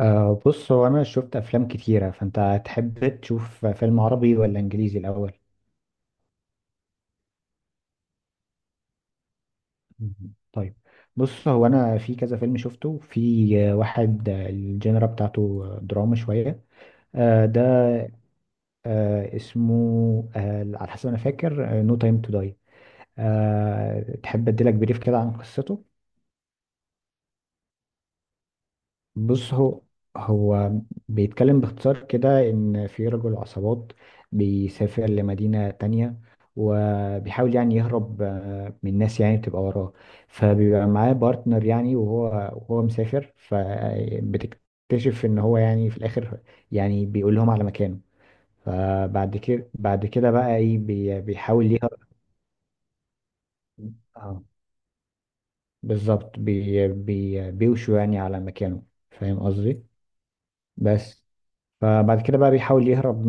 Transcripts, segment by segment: بص هو أنا شفت أفلام كتيرة، فأنت تحب تشوف فيلم عربي ولا إنجليزي الأول؟ مم. طيب، بص هو أنا في كذا فيلم شفته، في واحد الجينرا بتاعته دراما شوية. ده اسمه على حسب ما أنا فاكر، نو تايم تو داي. No Time to Die. تحب أديلك بريف كده عن قصته؟ بص، هو بيتكلم باختصار كده إن في رجل عصابات بيسافر لمدينة تانية، وبيحاول يعني يهرب من الناس يعني بتبقى وراه. فبيبقى معاه بارتنر يعني، وهو مسافر، فبتكتشف إن هو يعني في الآخر يعني بيقول لهم على مكانه. فبعد كده بعد كده بقى إيه، بيحاول يهرب. اه، بالظبط، بي بي بيوشوا يعني على مكانه. فاهم قصدي؟ بس فبعد كده بقى بيحاول يهرب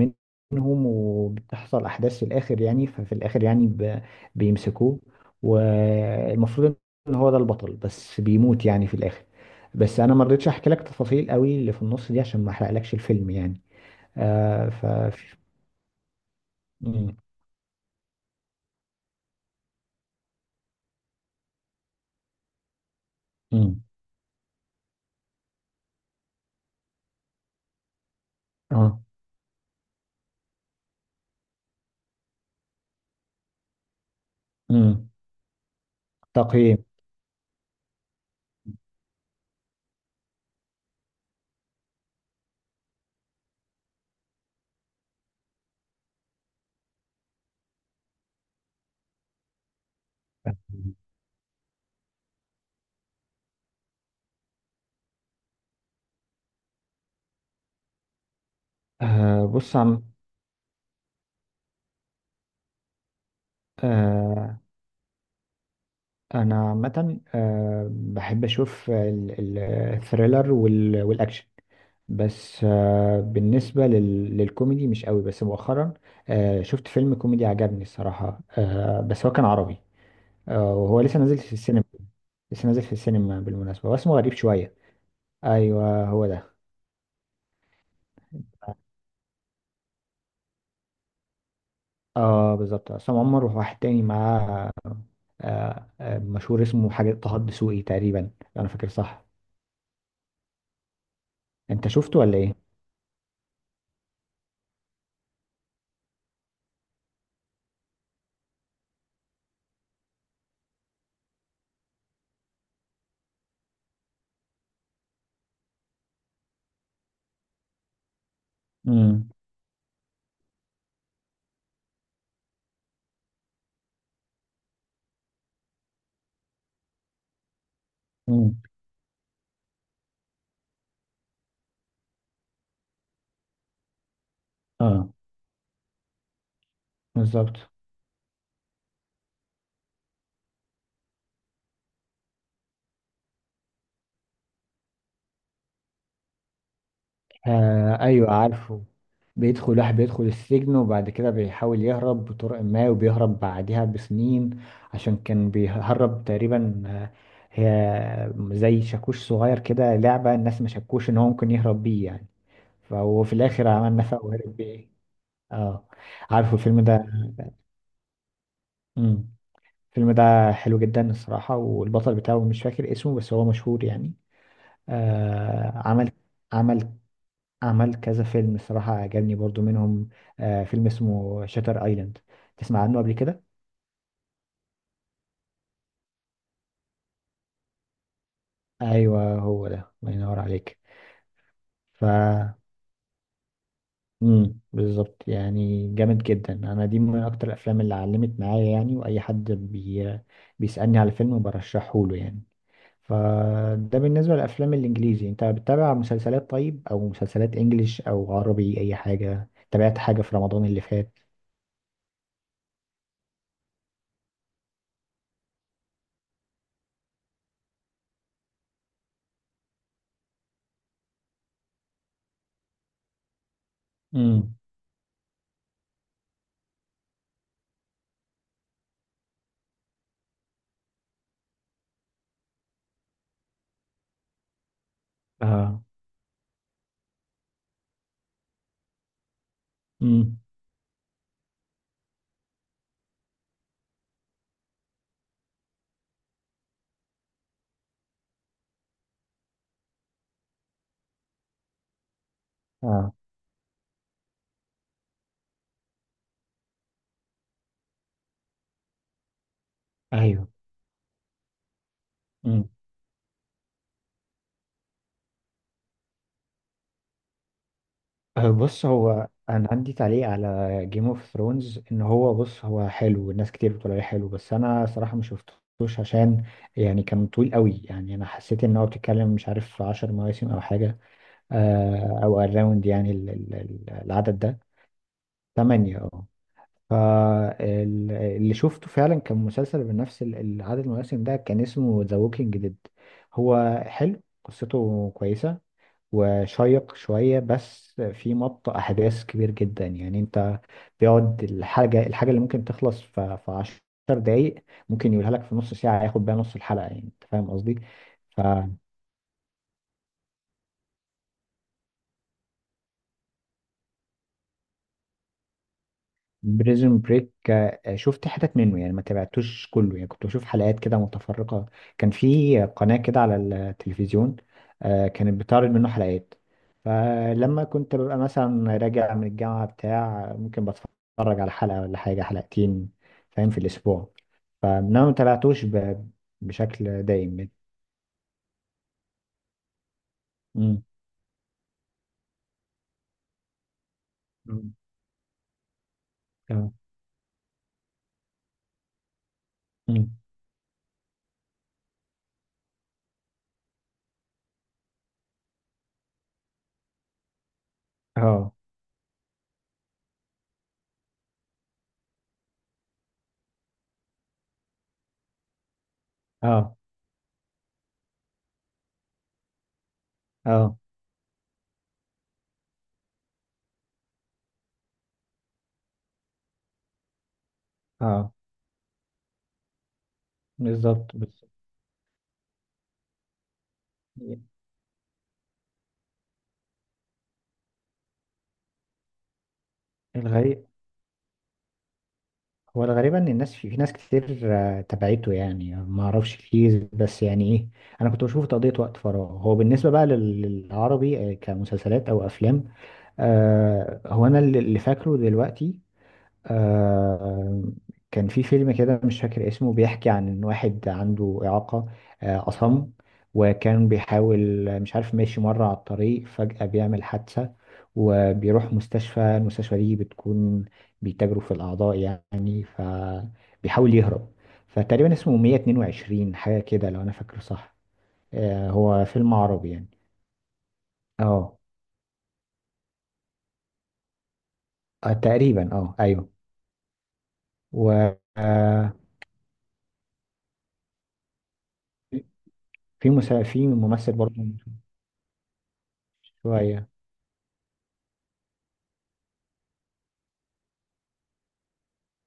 منهم، وبتحصل أحداث في الآخر يعني. ففي الآخر يعني بيمسكوه، والمفروض إن هو ده البطل، بس بيموت يعني في الآخر. بس أنا ما رضيتش أحكي لك تفاصيل قوي اللي في النص دي عشان ما أحرقلكش الفيلم يعني. آه ف مم. مم. اه. مم. تقييم. بص آه أنا عامة بحب أشوف الثريلر والأكشن. بس بالنسبة للكوميدي مش قوي، بس مؤخرا شفت فيلم كوميدي عجبني الصراحة، بس هو كان عربي، وهو لسه نازل في السينما. لسه نازل في السينما بالمناسبة، واسمه غريب شوية. أيوه، هو ده. اه، بالظبط، عصام عمر وواحد تاني معاه، مشهور، اسمه حاجة طه الدسوقي تقريبا، لو أنا فاكر صح. أنت شفته ولا إيه؟ امم. امم. اه، بالظبط. ايوه، عارفه. بيدخل واحد، بيدخل السجن وبعد كده بيحاول يهرب بطرق ما، وبيهرب بعدها بسنين. عشان كان بيهرب تقريبا هي زي شاكوش صغير كده، لعبة، الناس ما شكوش ان هو ممكن يهرب بيه يعني. فهو في الاخر عمل نفق وهرب بيه. اه، عارفه الفيلم ده. امم. الفيلم ده حلو جدا الصراحة، والبطل بتاعه مش فاكر اسمه بس هو مشهور يعني. آه عمل عمل عمل كذا فيلم الصراحة، عجبني برضو منهم فيلم اسمه شاتر ايلاند. تسمع عنه قبل كده؟ ايوه، هو ده، الله ينور عليك. ف بالظبط، يعني جامد جدا. انا دي من اكتر الافلام اللي علمت معايا يعني، واي حد بيسألني على فيلم برشحه له يعني. فده بالنسبة للافلام الانجليزي. انت بتتابع مسلسلات طيب؟ او مسلسلات انجليش او عربي، اي حاجة، تابعت حاجة في رمضان اللي فات؟ امم. اه. امم. اه. ايوه. بص هو انا عندي تعليق على جيم اوف ثرونز، ان هو، بص، هو حلو والناس كتير بتقول عليه حلو، بس انا صراحة ما شفتوش عشان يعني كان طويل قوي يعني. انا حسيت ان هو، بتتكلم مش عارف في 10 مواسم او حاجة، او اراوند يعني العدد ده، 8. اه، فاللي شفته فعلا كان مسلسل بنفس العدد المواسم ده، كان اسمه ذا ووكينج ديد. هو حلو، قصته كويسة وشيق شوية، بس في مط أحداث كبير جدا يعني. أنت بيقعد الحاجة اللي ممكن تخلص في عشر دقايق ممكن يقولها لك في نص ساعة، ياخد بيها نص الحلقة يعني. أنت فاهم قصدي؟ بريزون بريك شفت حتت منه يعني، ما تابعتوش كله يعني. كنت بشوف حلقات كده متفرقة، كان في قناة كده على التلفزيون كانت بتعرض منه حلقات. فلما كنت ببقى مثلا راجع من الجامعة بتاع ممكن بتفرج على حلقة ولا حاجة، حلقتين فاهم، في الأسبوع. فأنا ما تابعتوش بشكل دايم يعني. مم. مم. اه. مم. اه. اه. اه. اه، بالظبط، بالظبط. الغي. هو الغريب ان الناس، في ناس كتير تبعته يعني ما اعرفش، كتير بس. يعني ايه، انا كنت بشوفه تقضية وقت فراغ. هو بالنسبة بقى للعربي، كمسلسلات او افلام، هو انا اللي فاكره دلوقتي آه كان في فيلم كده مش فاكر اسمه، بيحكي عن ان واحد عنده إعاقة، أصم، وكان بيحاول مش عارف، ماشي مرة على الطريق فجأة بيعمل حادثة، وبيروح مستشفى. المستشفى دي بتكون بيتاجروا في الأعضاء يعني، فبيحاول يهرب. فتقريبا اسمه 122، حاجة كده لو أنا فاكره صح. هو فيلم عربي يعني. اه تقريبا، اه، ايوه. و آه، في ممثل برضه شوية.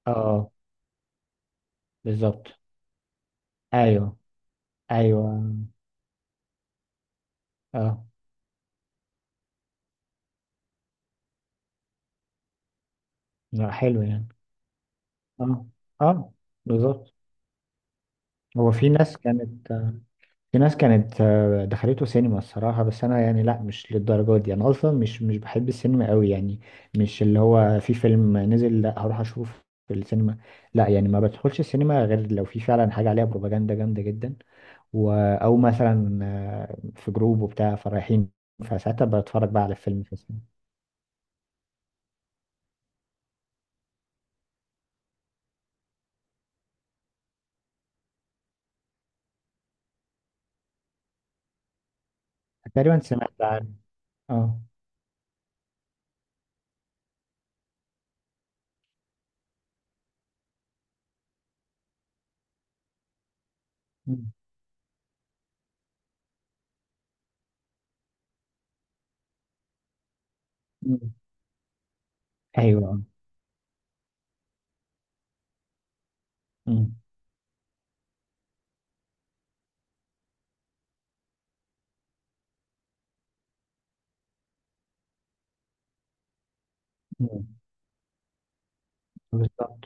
اه، بالظبط. ايوه. ايوه. اه. لا، حلو يعني. اه. اه، بالظبط. هو في ناس كانت دخلته سينما الصراحة. بس أنا يعني لأ، مش للدرجة دي. أنا أصلا مش بحب السينما أوي يعني، مش اللي هو في فيلم نزل لأ هروح أشوف في السينما. لأ يعني ما بدخلش السينما غير لو في فعلا حاجة عليها بروباجندا جامدة جدا، أو مثلا في جروب وبتاع فرايحين، فساعتها بتفرج بقى على الفيلم في السينما. تقريبا سمعت عن، اه. مم. مم. ايوه. مم. مم. بالظبط،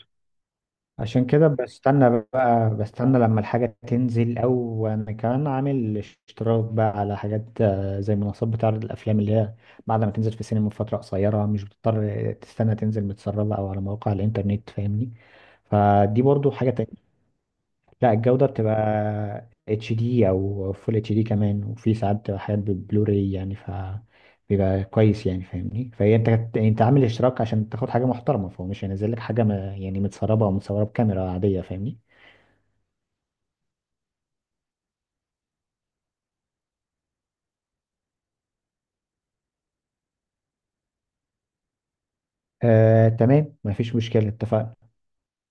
عشان كده بستنى بقى، بستنى لما الحاجة تنزل. او انا كمان عامل اشتراك بقى على حاجات زي منصات بتعرض الافلام اللي هي بعد ما تنزل في السينما من فترة قصيرة، مش بتضطر تستنى تنزل متسربة او على مواقع الانترنت، فاهمني. فدي برضو حاجة. لا، الجودة بتبقى اتش دي او فول اتش دي كمان، وفي ساعات بتبقى حاجات بالبلوراي يعني. بيبقى كويس يعني، فاهمني؟ فهي انت يعني انت عامل اشتراك عشان تاخد حاجة محترمة، فهو مش هينزل لك حاجة ما يعني متسربة او متصورة بكاميرا عادية، فاهمني. تمام، مفيش مشكلة، اتفقنا.